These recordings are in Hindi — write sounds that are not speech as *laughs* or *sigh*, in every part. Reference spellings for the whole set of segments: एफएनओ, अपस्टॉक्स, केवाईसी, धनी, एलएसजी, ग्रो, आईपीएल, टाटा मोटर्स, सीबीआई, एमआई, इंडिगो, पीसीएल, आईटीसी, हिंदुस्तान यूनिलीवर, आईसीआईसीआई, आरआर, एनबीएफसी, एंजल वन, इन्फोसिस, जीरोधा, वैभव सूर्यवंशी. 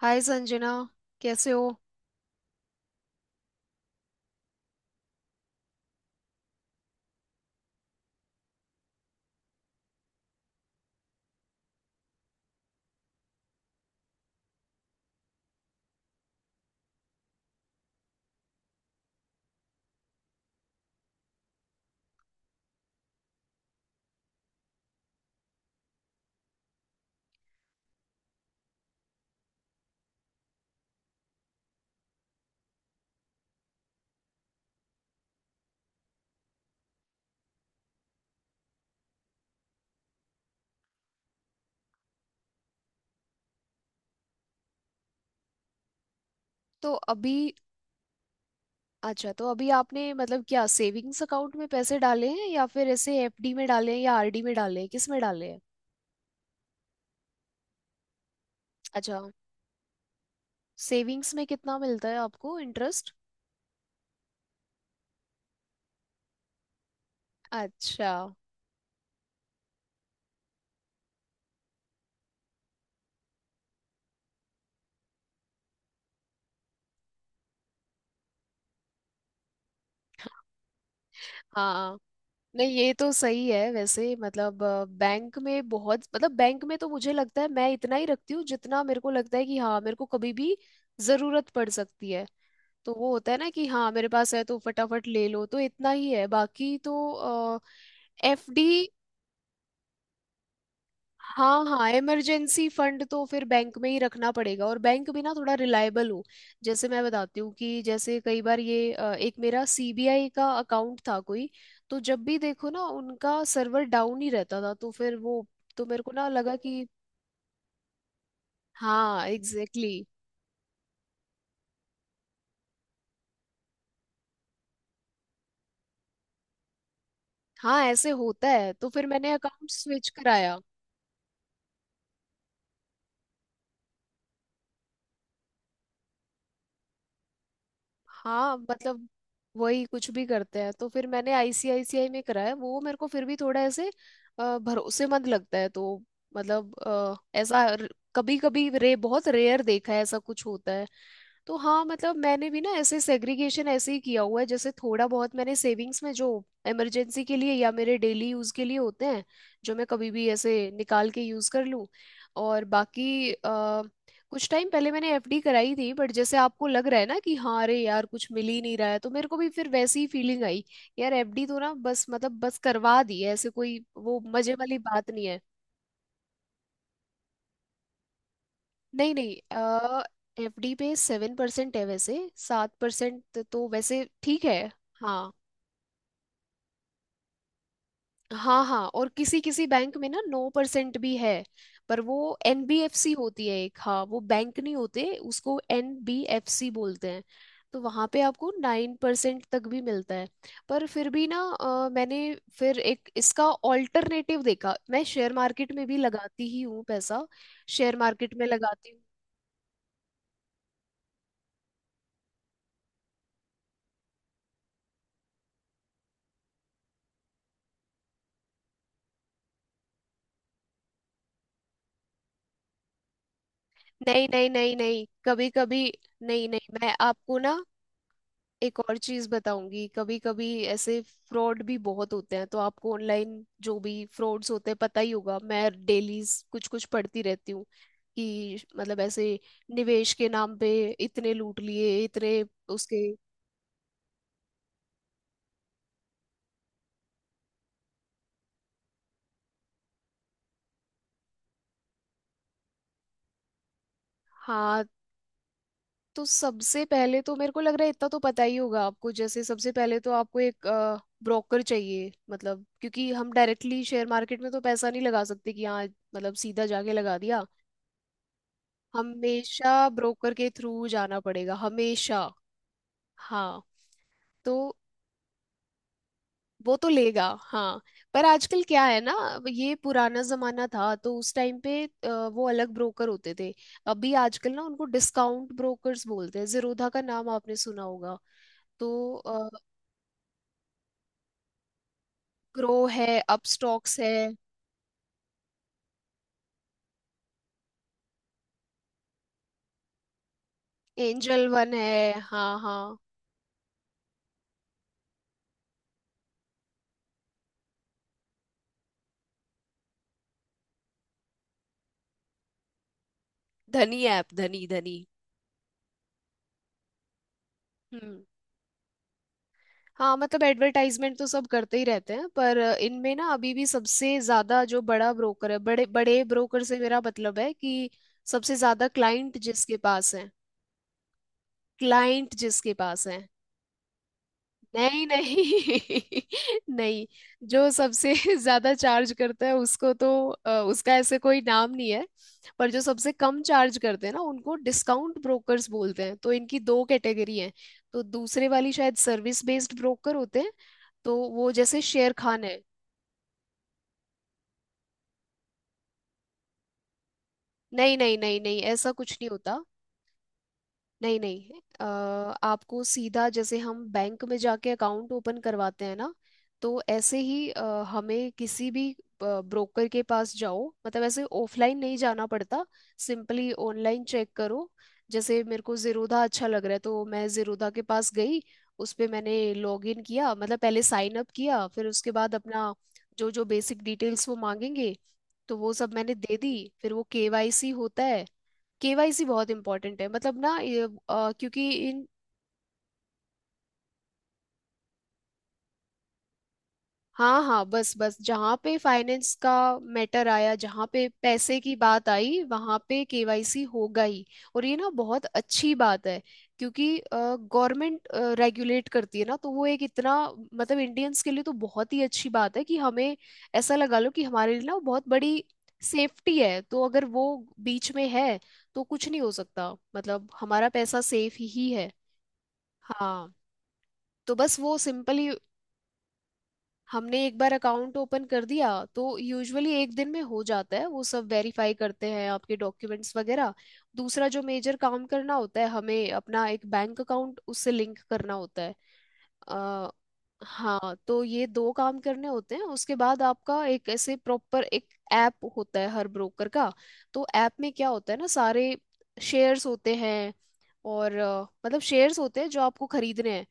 हाय संजना। कैसे हो। तो अभी अच्छा, तो अभी आपने मतलब क्या सेविंग्स अकाउंट में पैसे डाले हैं या फिर ऐसे एफडी में डाले हैं या आरडी में डाले हैं, किस में डाले हैं। अच्छा। सेविंग्स में कितना मिलता है आपको इंटरेस्ट। अच्छा। हाँ, नहीं ये तो सही है। वैसे मतलब बैंक में बहुत, मतलब बैंक में तो मुझे लगता है मैं इतना ही रखती हूँ जितना मेरे को लगता है कि हाँ, मेरे को कभी भी जरूरत पड़ सकती है। तो वो होता है ना कि हाँ, मेरे पास है तो फटाफट ले लो। तो इतना ही है, बाकी तो एफडी। हाँ हाँ, इमरजेंसी फंड तो फिर बैंक में ही रखना पड़ेगा, और बैंक भी ना थोड़ा रिलायबल हो। जैसे मैं बताती हूँ, कि जैसे कई बार ये एक मेरा सीबीआई का अकाउंट था कोई, तो जब भी देखो ना उनका सर्वर डाउन ही रहता था, तो फिर वो, तो मेरे को ना लगा कि, हाँ एग्जैक्टली exactly, हाँ ऐसे होता है। तो फिर मैंने अकाउंट स्विच कराया। हाँ मतलब वही कुछ भी करते हैं। तो फिर मैंने आईसीआईसीआई में कराया, वो मेरे को फिर भी थोड़ा ऐसे भरोसेमंद लगता है। तो मतलब ऐसा कभी कभी रे, बहुत रेयर देखा है ऐसा कुछ होता है। तो हाँ, मतलब मैंने भी ना ऐसे सेग्रीगेशन ऐसे ही किया हुआ है, जैसे थोड़ा बहुत मैंने सेविंग्स में जो इमरजेंसी के लिए या मेरे डेली यूज़ के लिए होते हैं, जो मैं कभी भी ऐसे निकाल के यूज़ कर लूँ। और बाकी कुछ टाइम पहले मैंने एफडी कराई थी, बट जैसे आपको लग रहा है ना कि हाँ, अरे यार कुछ मिल ही नहीं रहा है, तो मेरे को भी फिर वैसी ही फीलिंग आई। यार एफडी तो ना बस मतलब बस करवा दी है, ऐसे कोई वो मजे वाली बात नहीं है। नहीं नहीं एफडी पे 7% है वैसे। 7% तो वैसे ठीक है। हाँ। हाँ हाँ, और किसी किसी बैंक में ना 9% भी है, पर वो एनबीएफसी होती है एक। हाँ वो बैंक नहीं होते, उसको एनबीएफसी बोलते हैं। तो वहाँ पे आपको 9% तक भी मिलता है। पर फिर भी ना मैंने फिर एक इसका ऑल्टरनेटिव देखा, मैं शेयर मार्केट में भी लगाती ही हूँ पैसा। शेयर मार्केट में लगाती हूँ। नहीं नहीं नहीं नहीं, कभी कभी, नहीं नहीं मैं आपको ना एक और चीज बताऊंगी, कभी कभी ऐसे फ्रॉड भी बहुत होते हैं। तो आपको ऑनलाइन जो भी फ्रॉड्स होते हैं पता ही होगा, मैं डेली कुछ कुछ पढ़ती रहती हूँ कि मतलब ऐसे निवेश के नाम पे इतने लूट लिए, इतने। उसके, हाँ तो सबसे पहले तो मेरे को लग रहा है इतना तो पता ही होगा आपको। जैसे सबसे पहले तो आपको एक ब्रोकर चाहिए मतलब, क्योंकि हम डायरेक्टली शेयर मार्केट में तो पैसा नहीं लगा सकते कि हाँ मतलब सीधा जाके लगा दिया। हमेशा ब्रोकर के थ्रू जाना पड़ेगा, हमेशा। हाँ, तो वो तो लेगा हाँ। पर आजकल क्या है ना, ये पुराना जमाना था तो उस टाइम पे वो अलग ब्रोकर होते थे। अभी आजकल ना उनको डिस्काउंट ब्रोकर्स बोलते हैं। जीरोधा का नाम आपने सुना होगा। तो ग्रो है, अपस्टॉक्स है, एंजल वन है। हाँ हाँ, धनी ऐप, धनी धनी। हम्म। हाँ मतलब एडवर्टाइजमेंट तो सब करते ही रहते हैं। पर इनमें ना अभी भी सबसे ज्यादा जो बड़ा ब्रोकर है, बड़े बड़े ब्रोकर से मेरा मतलब है कि सबसे ज्यादा क्लाइंट जिसके पास है, क्लाइंट जिसके पास है। नहीं नहीं *laughs* नहीं, जो सबसे *laughs* ज्यादा चार्ज करता है उसको तो उसका ऐसे कोई नाम नहीं है। पर जो सबसे कम चार्ज करते हैं ना, उनको डिस्काउंट ब्रोकर्स बोलते हैं। तो इनकी दो कैटेगरी हैं। तो दूसरे वाली शायद सर्विस बेस्ड ब्रोकर होते हैं, तो वो जैसे शेर खान है। नहीं नहीं नहीं नहीं, ऐसा कुछ नहीं होता। नहीं नहीं आपको सीधा जैसे हम बैंक में जाके अकाउंट ओपन करवाते हैं ना, तो ऐसे ही हमें किसी भी ब्रोकर के पास जाओ मतलब, ऐसे ऑफलाइन नहीं जाना पड़ता। सिंपली ऑनलाइन चेक करो। जैसे मेरे को जीरोधा अच्छा लग रहा है तो मैं जीरोधा के पास गई। उस पे मैंने लॉग इन किया, मतलब पहले साइन अप किया। फिर उसके बाद अपना जो जो बेसिक डिटेल्स वो मांगेंगे तो वो सब मैंने दे दी। फिर वो केवाईसी होता है। केवाईसी बहुत इंपॉर्टेंट है, मतलब ना ये, क्योंकि इन, हाँ हाँ, बस बस जहाँ पे फाइनेंस का मैटर आया, जहाँ पे पैसे की बात आई, वहाँ पे केवाईसी होगा ही। और ये ना बहुत अच्छी बात है, क्योंकि गवर्नमेंट रेगुलेट करती है ना, तो वो एक इतना, मतलब इंडियंस के लिए तो बहुत ही अच्छी बात है कि हमें ऐसा लगा लो कि हमारे लिए ना वो बहुत बड़ी सेफ्टी है। तो अगर वो बीच में है तो कुछ नहीं हो सकता, मतलब हमारा पैसा सेफ ही है। हाँ तो बस वो सिंपली हमने एक बार अकाउंट ओपन कर दिया तो यूजुअली एक दिन में हो जाता है। वो सब वेरीफाई करते हैं आपके डॉक्यूमेंट्स वगैरह। दूसरा जो मेजर काम करना होता है, हमें अपना एक बैंक अकाउंट उससे लिंक करना होता है। अ, हाँ तो ये दो काम करने होते हैं। उसके बाद आपका एक ऐसे प्रॉपर एक ऐप होता है हर ब्रोकर का। तो ऐप में क्या होता है ना, सारे शेयर्स होते हैं, और मतलब शेयर्स होते हैं जो आपको खरीदने हैं।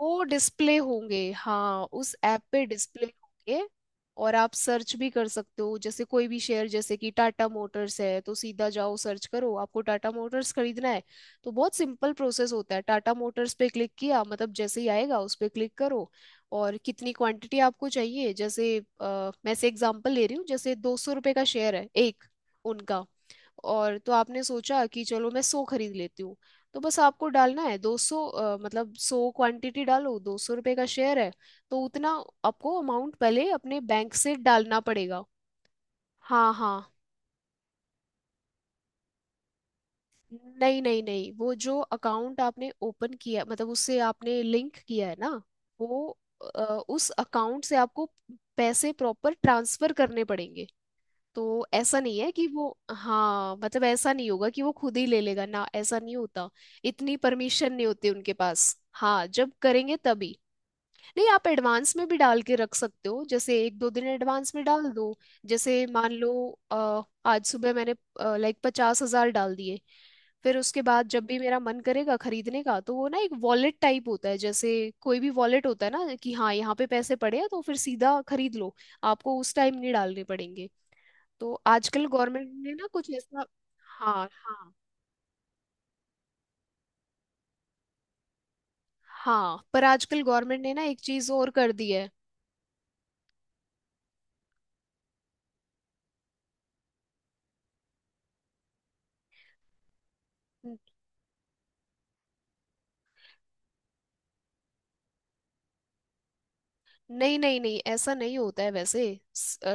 वो डिस्प्ले होंगे, हाँ उस ऐप पे डिस्प्ले होंगे। और आप सर्च भी कर सकते हो, जैसे कोई भी शेयर जैसे कि टाटा मोटर्स है तो सीधा जाओ सर्च करो, आपको टाटा मोटर्स खरीदना है। तो बहुत सिंपल प्रोसेस होता है। टाटा मोटर्स पे क्लिक किया मतलब, जैसे ही आएगा उस पे क्लिक करो, और कितनी क्वांटिटी आपको चाहिए। जैसे मैं से एग्जांपल ले रही हूँ, जैसे ₹200 का शेयर है एक उनका, और तो आपने सोचा कि चलो मैं 100 खरीद लेती हूँ। तो बस आपको डालना है 200, मतलब 100 क्वांटिटी डालो, ₹200 का शेयर है तो उतना आपको अमाउंट पहले अपने बैंक से डालना पड़ेगा। हाँ हाँ, नहीं नहीं नहीं, वो जो अकाउंट आपने ओपन किया मतलब उससे आपने लिंक किया है ना वो अ, उस अकाउंट से आपको पैसे प्रॉपर ट्रांसफर करने पड़ेंगे। तो ऐसा नहीं है कि वो, हाँ मतलब ऐसा नहीं होगा कि वो खुद ही ले लेगा ना, ऐसा नहीं होता। इतनी परमिशन नहीं होती उनके पास। हाँ जब करेंगे तभी। नहीं, आप एडवांस में भी डाल के रख सकते हो, जैसे एक दो दिन एडवांस में डाल दो। जैसे मान लो आज सुबह मैंने लाइक 50,000 डाल दिए। फिर उसके बाद जब भी मेरा मन करेगा खरीदने का, तो वो ना एक वॉलेट टाइप होता है, जैसे कोई भी वॉलेट होता है ना कि हाँ यहाँ पे पैसे पड़े हैं, तो फिर सीधा खरीद लो। आपको उस टाइम नहीं डालने पड़ेंगे। तो आजकल गवर्नमेंट ने ना कुछ ऐसा, हाँ हाँ हाँ, पर आजकल गवर्नमेंट ने ना एक चीज और कर दी है। न- नहीं नहीं नहीं, ऐसा नहीं होता है वैसे।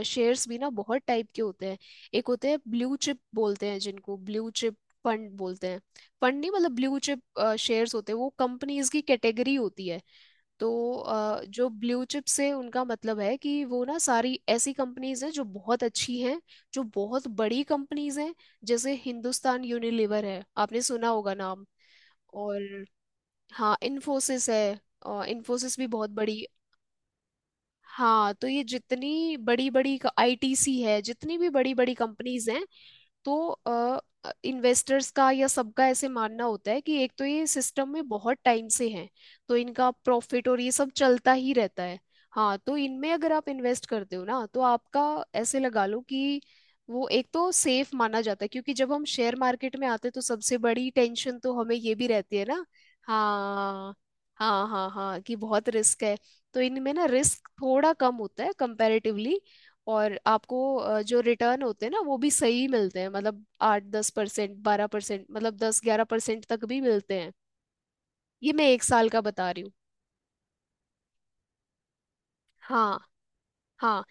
शेयर्स भी ना बहुत टाइप के होते हैं। एक होते हैं ब्लू चिप, बोलते हैं जिनको ब्लू चिप फंड बोलते हैं, फंड नहीं मतलब ब्लू चिप शेयर्स होते हैं। वो कंपनीज की कैटेगरी होती है। तो जो ब्लू चिप से उनका मतलब है कि वो ना सारी ऐसी कंपनीज हैं जो बहुत अच्छी हैं, जो बहुत बड़ी कंपनीज हैं। जैसे हिंदुस्तान यूनिलीवर है, आपने सुना होगा नाम। और हाँ, इन्फोसिस है, इन्फोसिस भी बहुत बड़ी। हाँ तो ये जितनी बड़ी बड़ी आईटीसी है, जितनी भी बड़ी बड़ी कंपनीज हैं, तो इन्वेस्टर्स का या सबका ऐसे मानना होता है कि एक तो ये सिस्टम में बहुत टाइम से हैं, तो इनका प्रॉफिट और ये सब चलता ही रहता है। हाँ तो इनमें अगर आप इन्वेस्ट करते हो ना, तो आपका ऐसे लगा लो कि वो एक तो सेफ माना जाता है, क्योंकि जब हम शेयर मार्केट में आते हैं तो सबसे बड़ी टेंशन तो हमें ये भी रहती है ना, हाँ हाँ हाँ हाँ, कि बहुत रिस्क है। तो इनमें ना रिस्क थोड़ा कम होता है कंपैरेटिवली। और आपको जो रिटर्न होते हैं ना वो भी सही मिलते हैं, मतलब 8-10%, 12%, मतलब 10-11% तक भी मिलते हैं। ये मैं एक साल का बता रही हूँ। हाँ हाँ।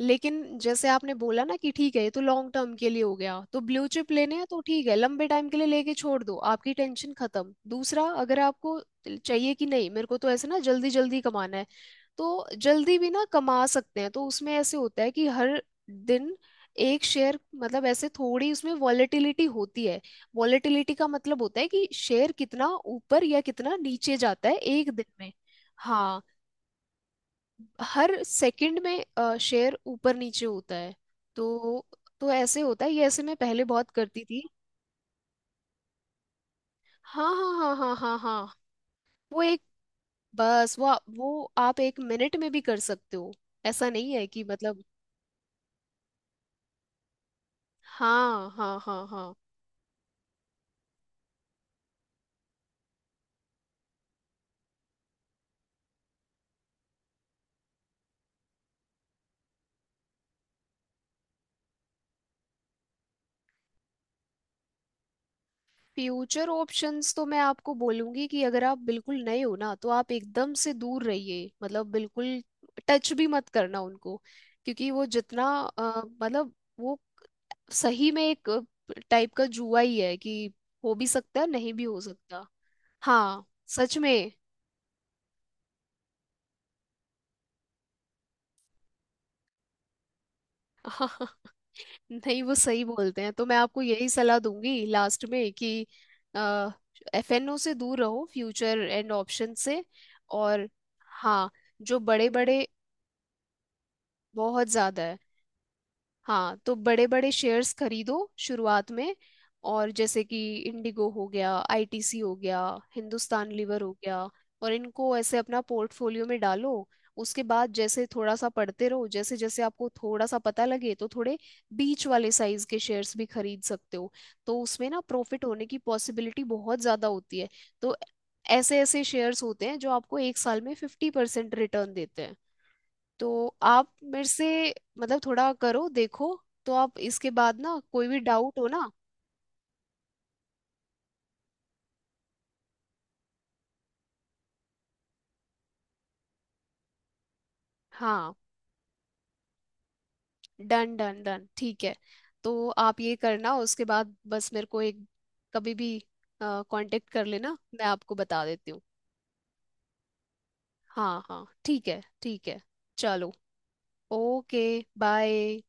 लेकिन जैसे आपने बोला ना कि ठीक है, ये तो लॉन्ग टर्म के लिए हो गया, तो ब्लू चिप लेने हैं तो ठीक है, लंबे टाइम के लिए लेके छोड़ दो, आपकी टेंशन खत्म। दूसरा अगर आपको चाहिए कि नहीं मेरे को तो ऐसे ना जल्दी जल्दी कमाना है, तो जल्दी भी ना कमा सकते हैं। तो उसमें ऐसे होता है कि हर दिन एक शेयर मतलब, ऐसे थोड़ी उसमें वॉलेटिलिटी होती है। वॉलेटिलिटी का मतलब होता है कि शेयर कितना ऊपर या कितना नीचे जाता है एक दिन में। हाँ हर सेकंड में शेयर ऊपर नीचे होता है। तो तो ऐसे होता है, ये ऐसे मैं पहले बहुत करती थी। हाँ हाँ हाँ हाँ हाँ हाँ। वो एक, वो आप एक मिनट में भी कर सकते हो। ऐसा नहीं है कि मतलब, हाँ हाँ हाँ हाँ। फ्यूचर ऑप्शंस तो मैं आपको बोलूंगी कि अगर आप बिल्कुल नए हो ना, तो आप एकदम से दूर रहिए, मतलब बिल्कुल टच भी मत करना उनको। क्योंकि वो जितना अ, मतलब वो सही में एक टाइप का जुआ ही है कि, हो भी सकता है नहीं भी हो सकता। हाँ, सच में। *laughs* नहीं वो सही बोलते हैं। तो मैं आपको यही सलाह दूंगी लास्ट में कि एफएनओ से दूर रहो, फ्यूचर एंड ऑप्शन से। और हाँ, जो बड़े बड़े, बहुत ज्यादा है। हाँ तो बड़े बड़े शेयर्स खरीदो शुरुआत में, और जैसे कि इंडिगो हो गया, आईटीसी हो गया, हिंदुस्तान लीवर हो गया, और इनको ऐसे अपना पोर्टफोलियो में डालो। उसके बाद जैसे थोड़ा सा पढ़ते रहो, जैसे जैसे आपको थोड़ा सा पता लगे तो थोड़े बीच वाले साइज के शेयर्स भी खरीद सकते हो। तो उसमें ना प्रॉफिट होने की पॉसिबिलिटी बहुत ज्यादा होती है। तो ऐसे ऐसे शेयर्स होते हैं जो आपको एक साल में 50% रिटर्न देते हैं। तो आप मेरे से मतलब थोड़ा करो देखो। तो आप इसके बाद ना कोई भी डाउट हो ना, हाँ, डन डन डन, ठीक है। तो आप ये करना, उसके बाद बस मेरे को एक कभी भी कांटेक्ट कर लेना, मैं आपको बता देती हूँ। हाँ हाँ ठीक है, ठीक है। चलो। ओके। बाय।